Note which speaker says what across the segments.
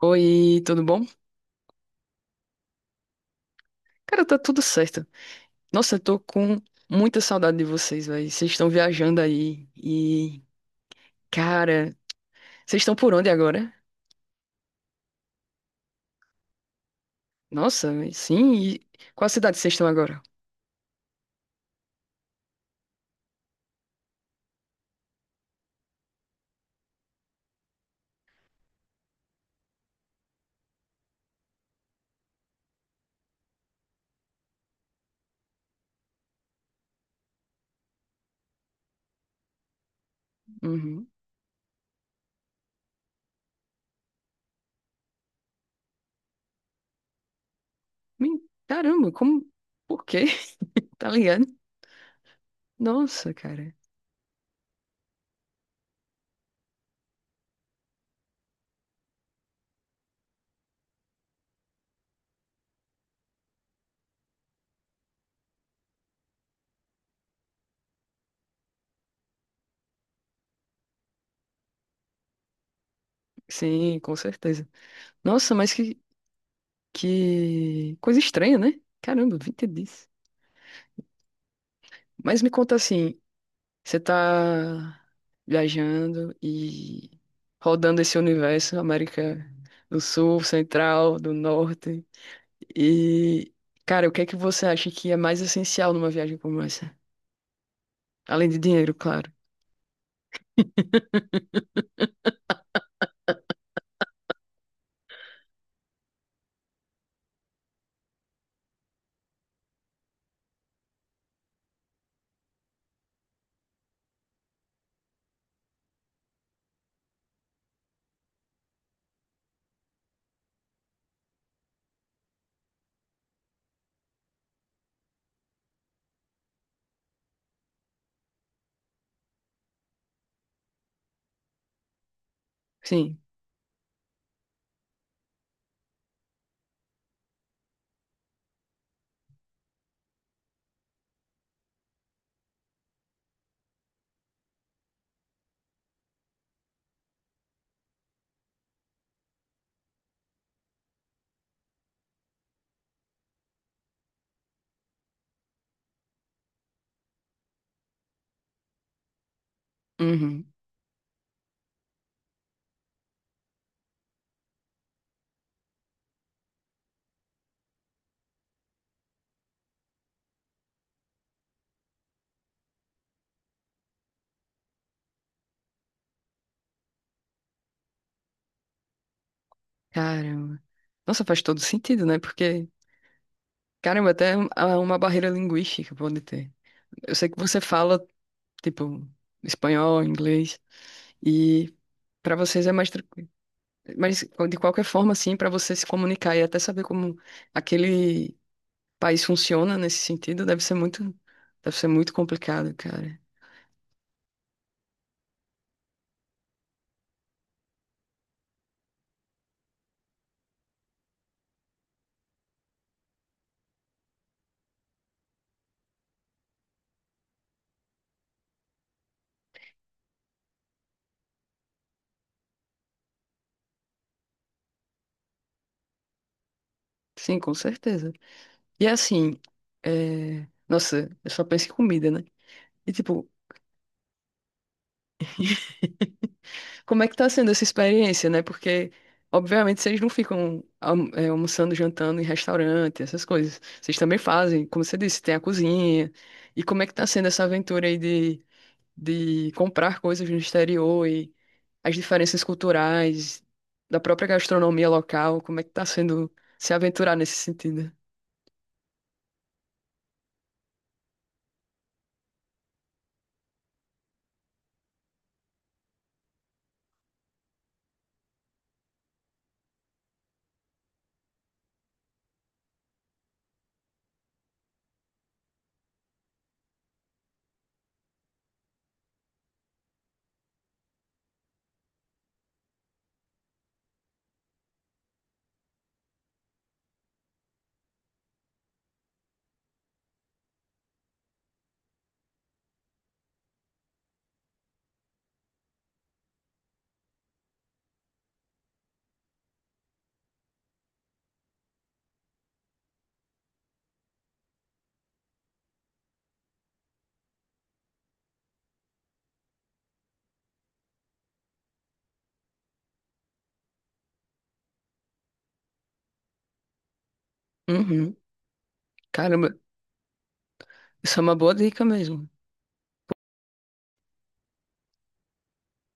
Speaker 1: Oi, tudo bom? Cara, tá tudo certo. Nossa, eu tô com muita saudade de vocês, velho. Vocês estão viajando aí e, cara, vocês estão por onde agora? Nossa, véi, sim. E qual cidade vocês estão agora? Uhum. Men- Caramba, como? Por quê? Tá ligado? Nossa, cara. Sim, com certeza. Nossa, mas que coisa estranha, né? Caramba, 20 dias. Mas me conta assim, você tá viajando e rodando esse universo, América do Sul, Central, do Norte. E, cara, o que é que você acha que é mais essencial numa viagem como essa? Além de dinheiro, claro. Sim. Uhum. Caramba. Nossa, faz todo sentido, né? Porque, caramba, até há uma barreira linguística pode ter. Eu sei que você fala, tipo, espanhol, inglês, e pra vocês é mais tranquilo. Mas, de qualquer forma, assim, para você se comunicar e até saber como aquele país funciona nesse sentido, deve ser muito complicado, cara. Sim, com certeza. E assim, é, nossa, eu só penso em comida, né? E tipo, como é que tá sendo essa experiência, né? Porque, obviamente, vocês não ficam almoçando, jantando em restaurante, essas coisas. Vocês também fazem, como você disse, tem a cozinha. E como é que tá sendo essa aventura aí de comprar coisas no exterior, as diferenças culturais, da própria gastronomia local, como é que tá sendo se aventurar nesse sentido? Uhum. Caramba, isso é uma boa dica mesmo.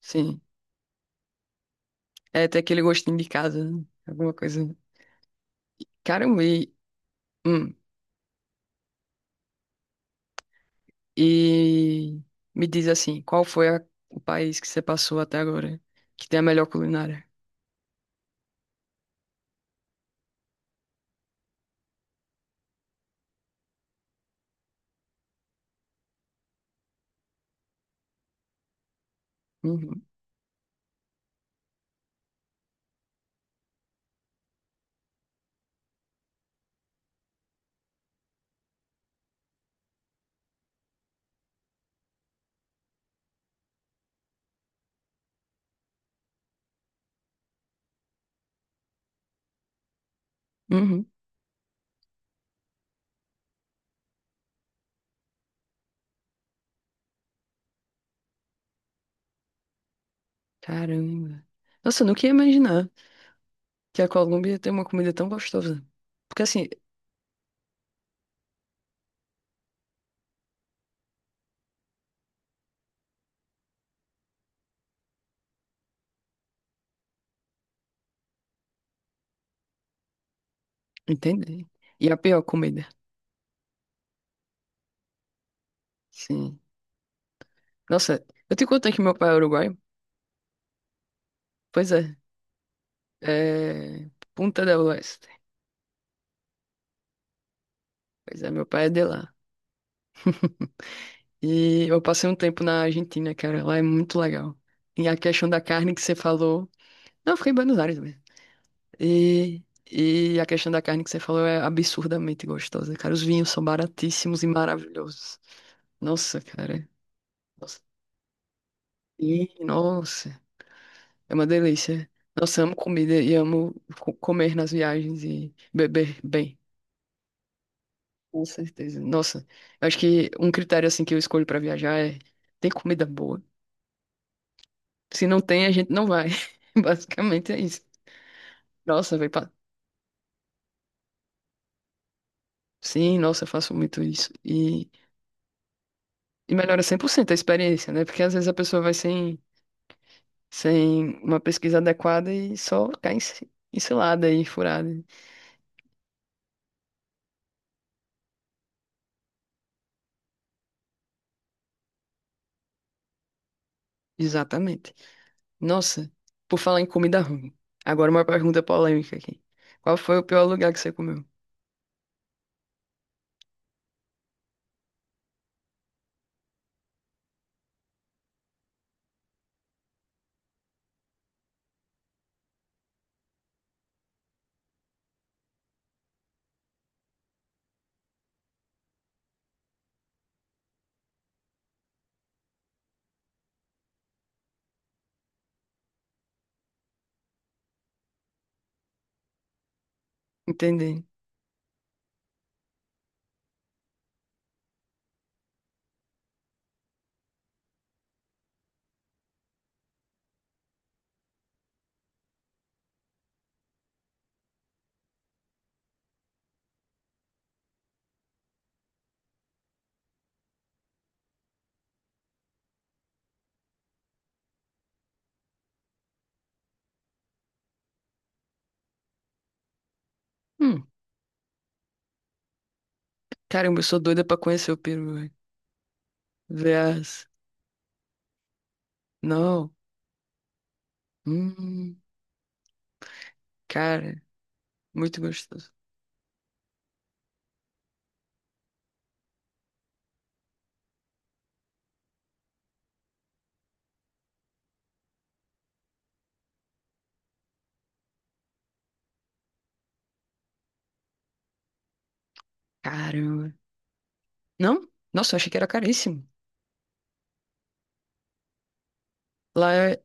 Speaker 1: Sim. É ter aquele gostinho de casa, né? Alguma coisa. Caramba, hum, e me diz assim, qual foi o país que você passou até agora que tem a melhor culinária? Uhum. Uhum. Caramba. Nossa, eu nunca ia imaginar que a Colômbia tem uma comida tão gostosa. Porque assim, entende? E a pior comida. Sim. Nossa, eu te contei que meu pai é uruguaio? Pois é, é Punta del Oeste. Pois é, meu pai é de lá. E eu passei um tempo na Argentina, cara, lá é muito legal. E a questão da carne que você falou. Não, eu fiquei em Buenos Aires mesmo. E, e a questão da carne que você falou é absurdamente gostosa, cara. Os vinhos são baratíssimos e maravilhosos. Nossa, cara. Nossa. E, nossa, é uma delícia. Nossa, amo comida e amo comer nas viagens e beber bem. Com certeza. Nossa, eu acho que um critério assim que eu escolho para viajar é tem comida boa. Se não tem, a gente não vai. Basicamente é isso. Nossa, vai pra... Sim, nossa, eu faço muito isso. E melhora 100% a experiência, né? Porque às vezes a pessoa vai sem, sem uma pesquisa adequada e só cai encilada e furada. Exatamente. Nossa, por falar em comida ruim. Agora uma pergunta polêmica aqui. Qual foi o pior lugar que você comeu? Entendi. Hum, caramba, eu sou doida pra conhecer o Peru. Vs. Não. Hum, cara, muito gostoso. Caramba. Não? Nossa, eu achei que era caríssimo. Lá é,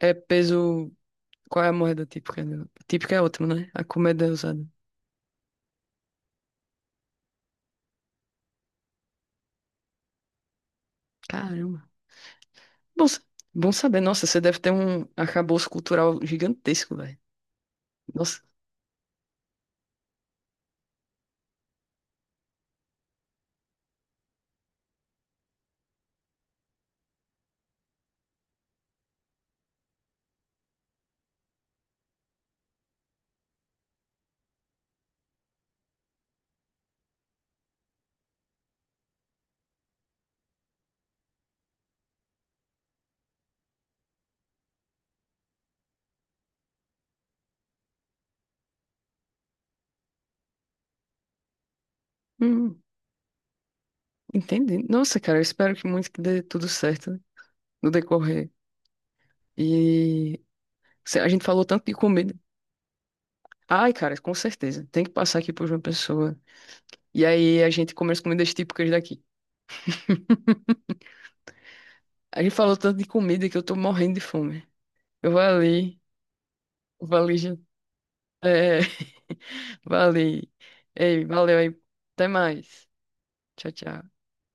Speaker 1: é peso. Qual é a moeda típica? Típica é outra, né? A comida é usada. Caramba. Bom, sa- Bom saber. Nossa, você deve ter um arcabouço cultural gigantesco, velho. Nossa. Hum, entendi. Nossa, cara, eu espero que muito que dê tudo certo no decorrer. E a gente falou tanto de comida. Ai, cara, com certeza. Tem que passar aqui por uma pessoa. E aí a gente come as comidas típicas daqui. A gente falou tanto de comida que eu tô morrendo de fome. Eu vou ali, já- é, vou ali. Ei, valeu aí. Até mais. Tchau, tchau.